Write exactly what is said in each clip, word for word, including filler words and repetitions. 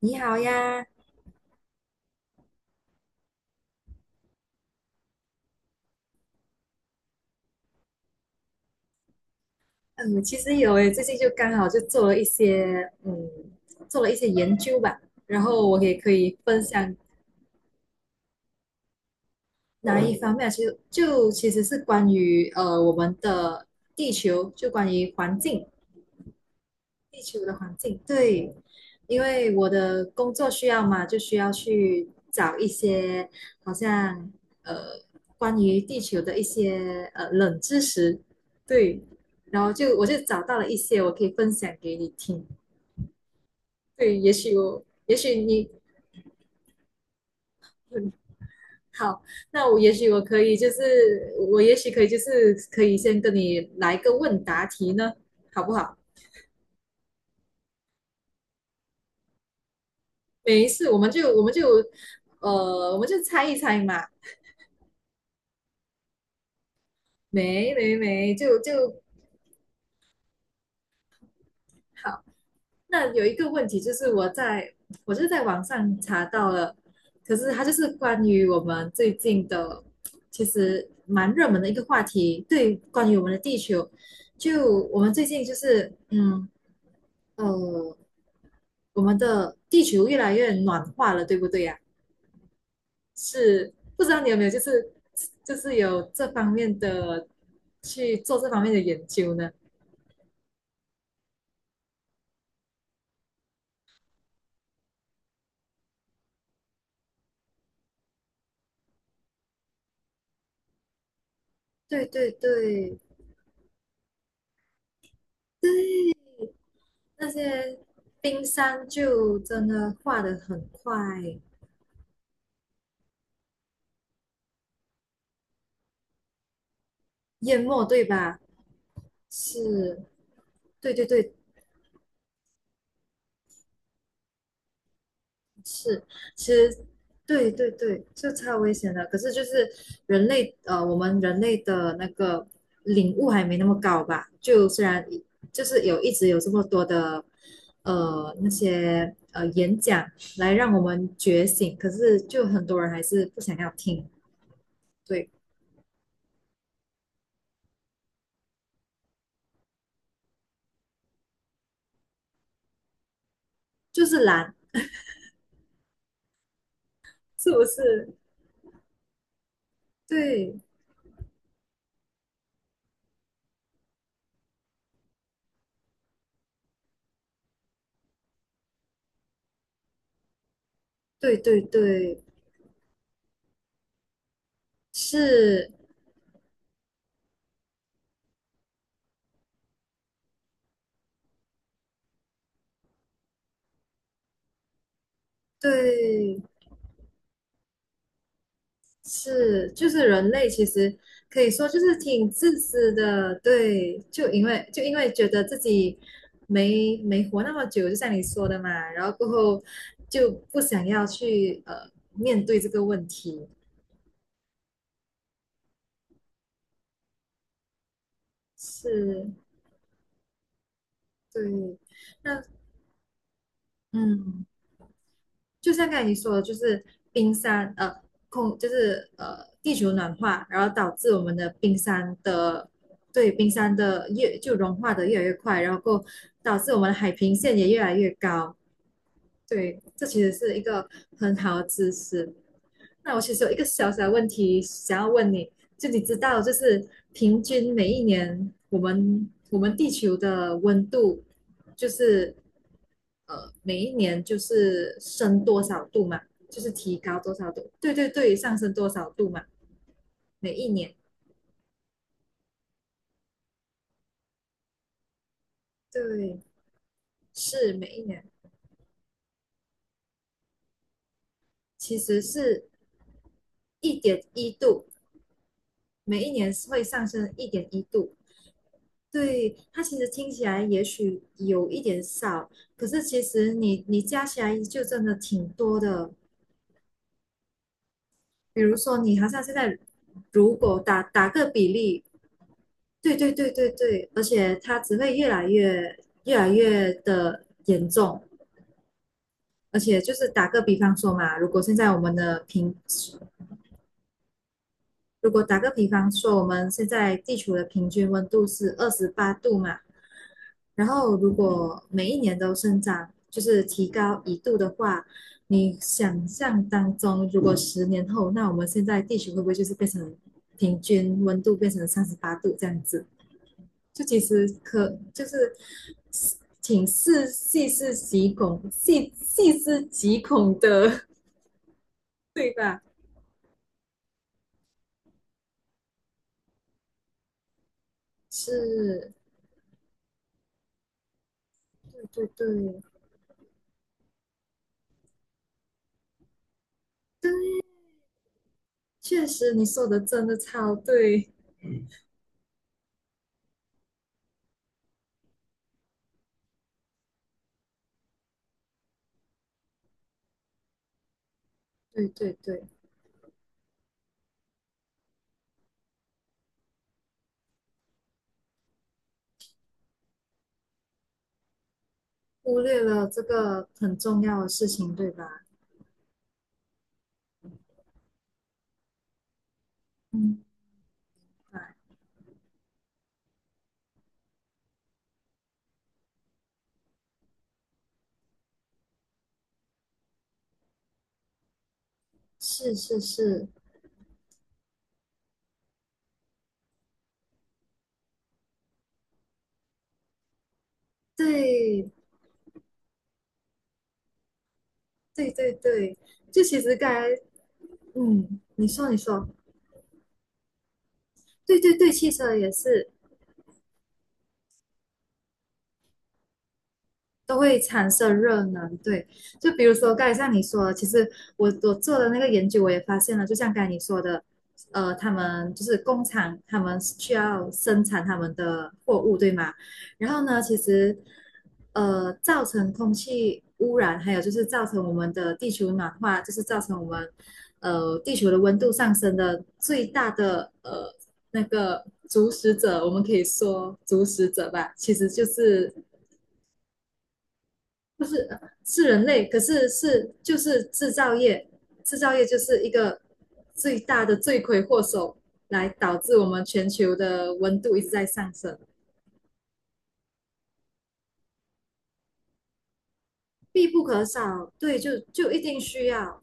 你好呀。嗯，其实有诶，最近就刚好就做了一些，嗯，做了一些研究吧，然后我也可以分享。哪一方面啊，其实就其实是关于呃我们的地球，就关于环境，地球的环境，对，因为我的工作需要嘛，就需要去找一些好像呃关于地球的一些呃冷知识，对。然后就我就找到了一些我可以分享给你听。对，也许我，也许你，嗯，好，那我也许我可以，就是我也许可以，就是可以先跟你来个问答题呢，好不好？没事，我们就我们就，呃，我们就猜一猜嘛。没没没，就就好。那有一个问题就是我在我就是在网上查到了，可是它就是关于我们最近的，其实蛮热门的一个话题，对，关于我们的地球。就我们最近就是，嗯，呃，我们的地球越来越暖化了，对不对呀？是，不知道你有没有就是就是有这方面的去做这方面的研究呢？对对对，对，那些冰山就真的化得很快，淹没，对吧？是，对对对，是，其实对对对，就超危险的。可是就是人类，呃，我们人类的那个领悟还没那么高吧？就虽然就是有一直有这么多的呃那些呃演讲来让我们觉醒，可是就很多人还是不想要听。对，就是懒，是不是？对对对对，是，对是，就是人类其实可以说就是挺自私的，对，就因为就因为觉得自己没没活那么久，就像你说的嘛，然后过后就不想要去呃面对这个问题，是，对，那嗯。就像刚才你说的，就是冰山呃空，就是呃地球暖化，然后导致我们的冰山的对冰山的越就融化的越来越快，然后够导致我们的海平线也越来越高。对，这其实是一个很好的知识。那我其实有一个小小的问题想要问你，就你知道，就是平均每一年我们我们地球的温度就是呃每一年就是升多少度嘛，就是提高多少度，对对对，上升多少度嘛，每一年，对，是每一年，其实是一点一度，每一年会上升一点一度。对，它其实听起来也许有一点少，可是其实你你加起来就真的挺多的。比如说你好像现在如果打打个比例，对对对对对，而且它只会越来越越来越的严重，而且就是打个比方说嘛，如果现在我们的平，如果打个比方说，我们现在地球的平均温度是二十八度嘛，然后如果每一年都生长，就是提高一度的话，你想象当中，如果十年后，那我们现在地球会不会就是变成平均温度变成三十八度这样子？就其实可就是挺是细思极恐、细细思极恐的，对吧？是，对对对对，确实你说的真的超对，对对对，忽略了这个很重要的事情，对吧？嗯，啊，是是是，对对对对，就其实该，嗯，你说你说，对对对，汽车也是。都会产生热能，对，就比如说刚才像你说的，其实我我做的那个研究，我也发现了，就像刚才你说的，呃，他们就是工厂，他们需要生产他们的货物，对吗？然后呢，其实呃，造成空气污染，还有就是造成我们的地球暖化，就是造成我们呃地球的温度上升的最大的呃那个主使者，我们可以说主使者吧，其实就是就是呃是人类，可是是就是制造业，制造业就是一个最大的罪魁祸首，来导致我们全球的温度一直在上升，必不可少。对，就就一定需要，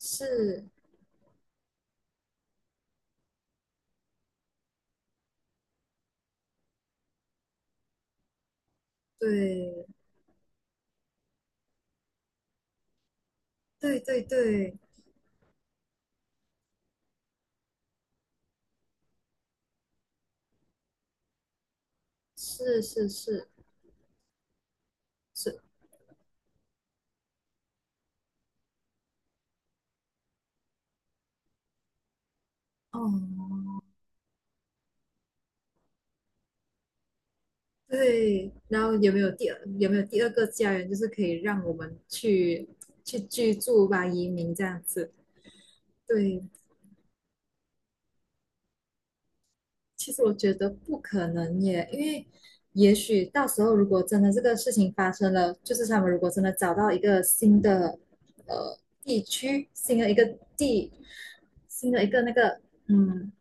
是，对，对对对，是是是是，哦，对。然后有没有第二有没有第二个家园，就是可以让我们去去居住吧，移民这样子。对，其实我觉得不可能耶，因为也许到时候如果真的这个事情发生了，就是他们如果真的找到一个新的呃地区、新的一个地、新的一个那个嗯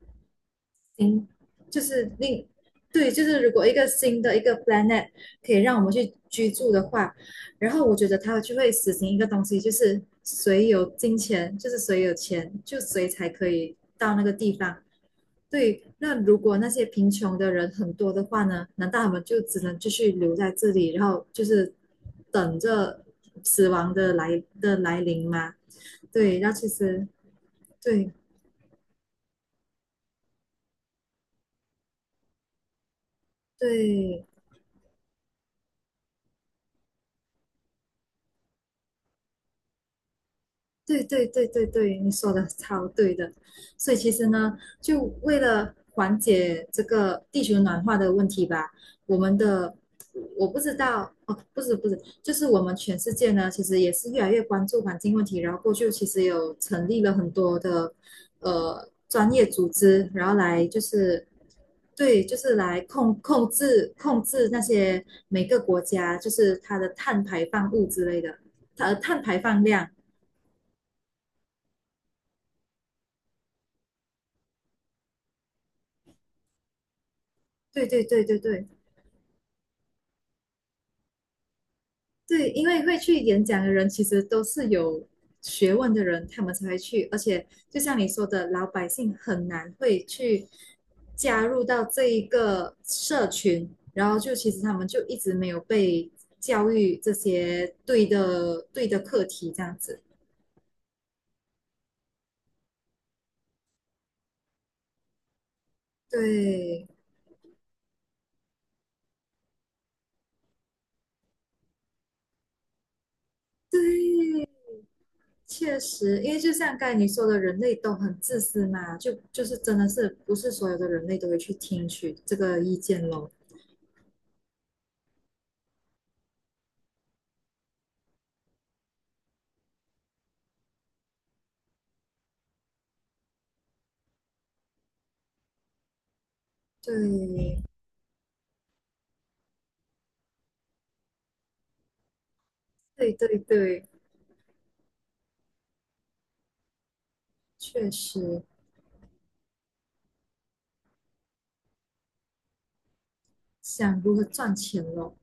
新，就是另对，就是如果一个新的一个 planet 可以让我们去居住的话，然后我觉得他就会实行一个东西，就是谁有金钱，就是谁有钱，就谁才可以到那个地方。对，那如果那些贫穷的人很多的话呢？难道他们就只能继续留在这里，然后就是等着死亡的来的来临吗？对，那其实对对，对对对对对，你说的超对的。所以其实呢，就为了缓解这个地球暖化的问题吧，我们的我不知道哦，不是不是，就是我们全世界呢，其实也是越来越关注环境问题，然后过去其实有成立了很多的呃专业组织，然后来就是对，就是来控控制控制那些每个国家就是它的碳排放物之类的，它的碳排放量。对对对对对对，因为会去演讲的人其实都是有学问的人，他们才会去。而且就像你说的，老百姓很难会去加入到这一个社群，然后就其实他们就一直没有被教育这些对的对的课题这样子。对对，确实，因为就像刚才你说的，人类都很自私嘛，就就是真的是不是所有的人类都会去听取这个意见咯。对对对对，确实想如何赚钱咯。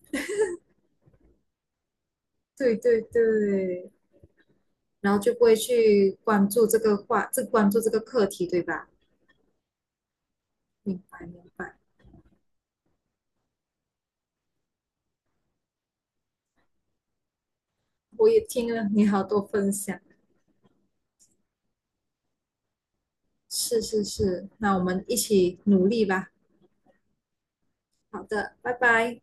对对对，然后就不会去关注这个话，这关注这个课题，对吧？明白明白，我也听了你好多分享，是是是，那我们一起努力吧。好的，拜拜。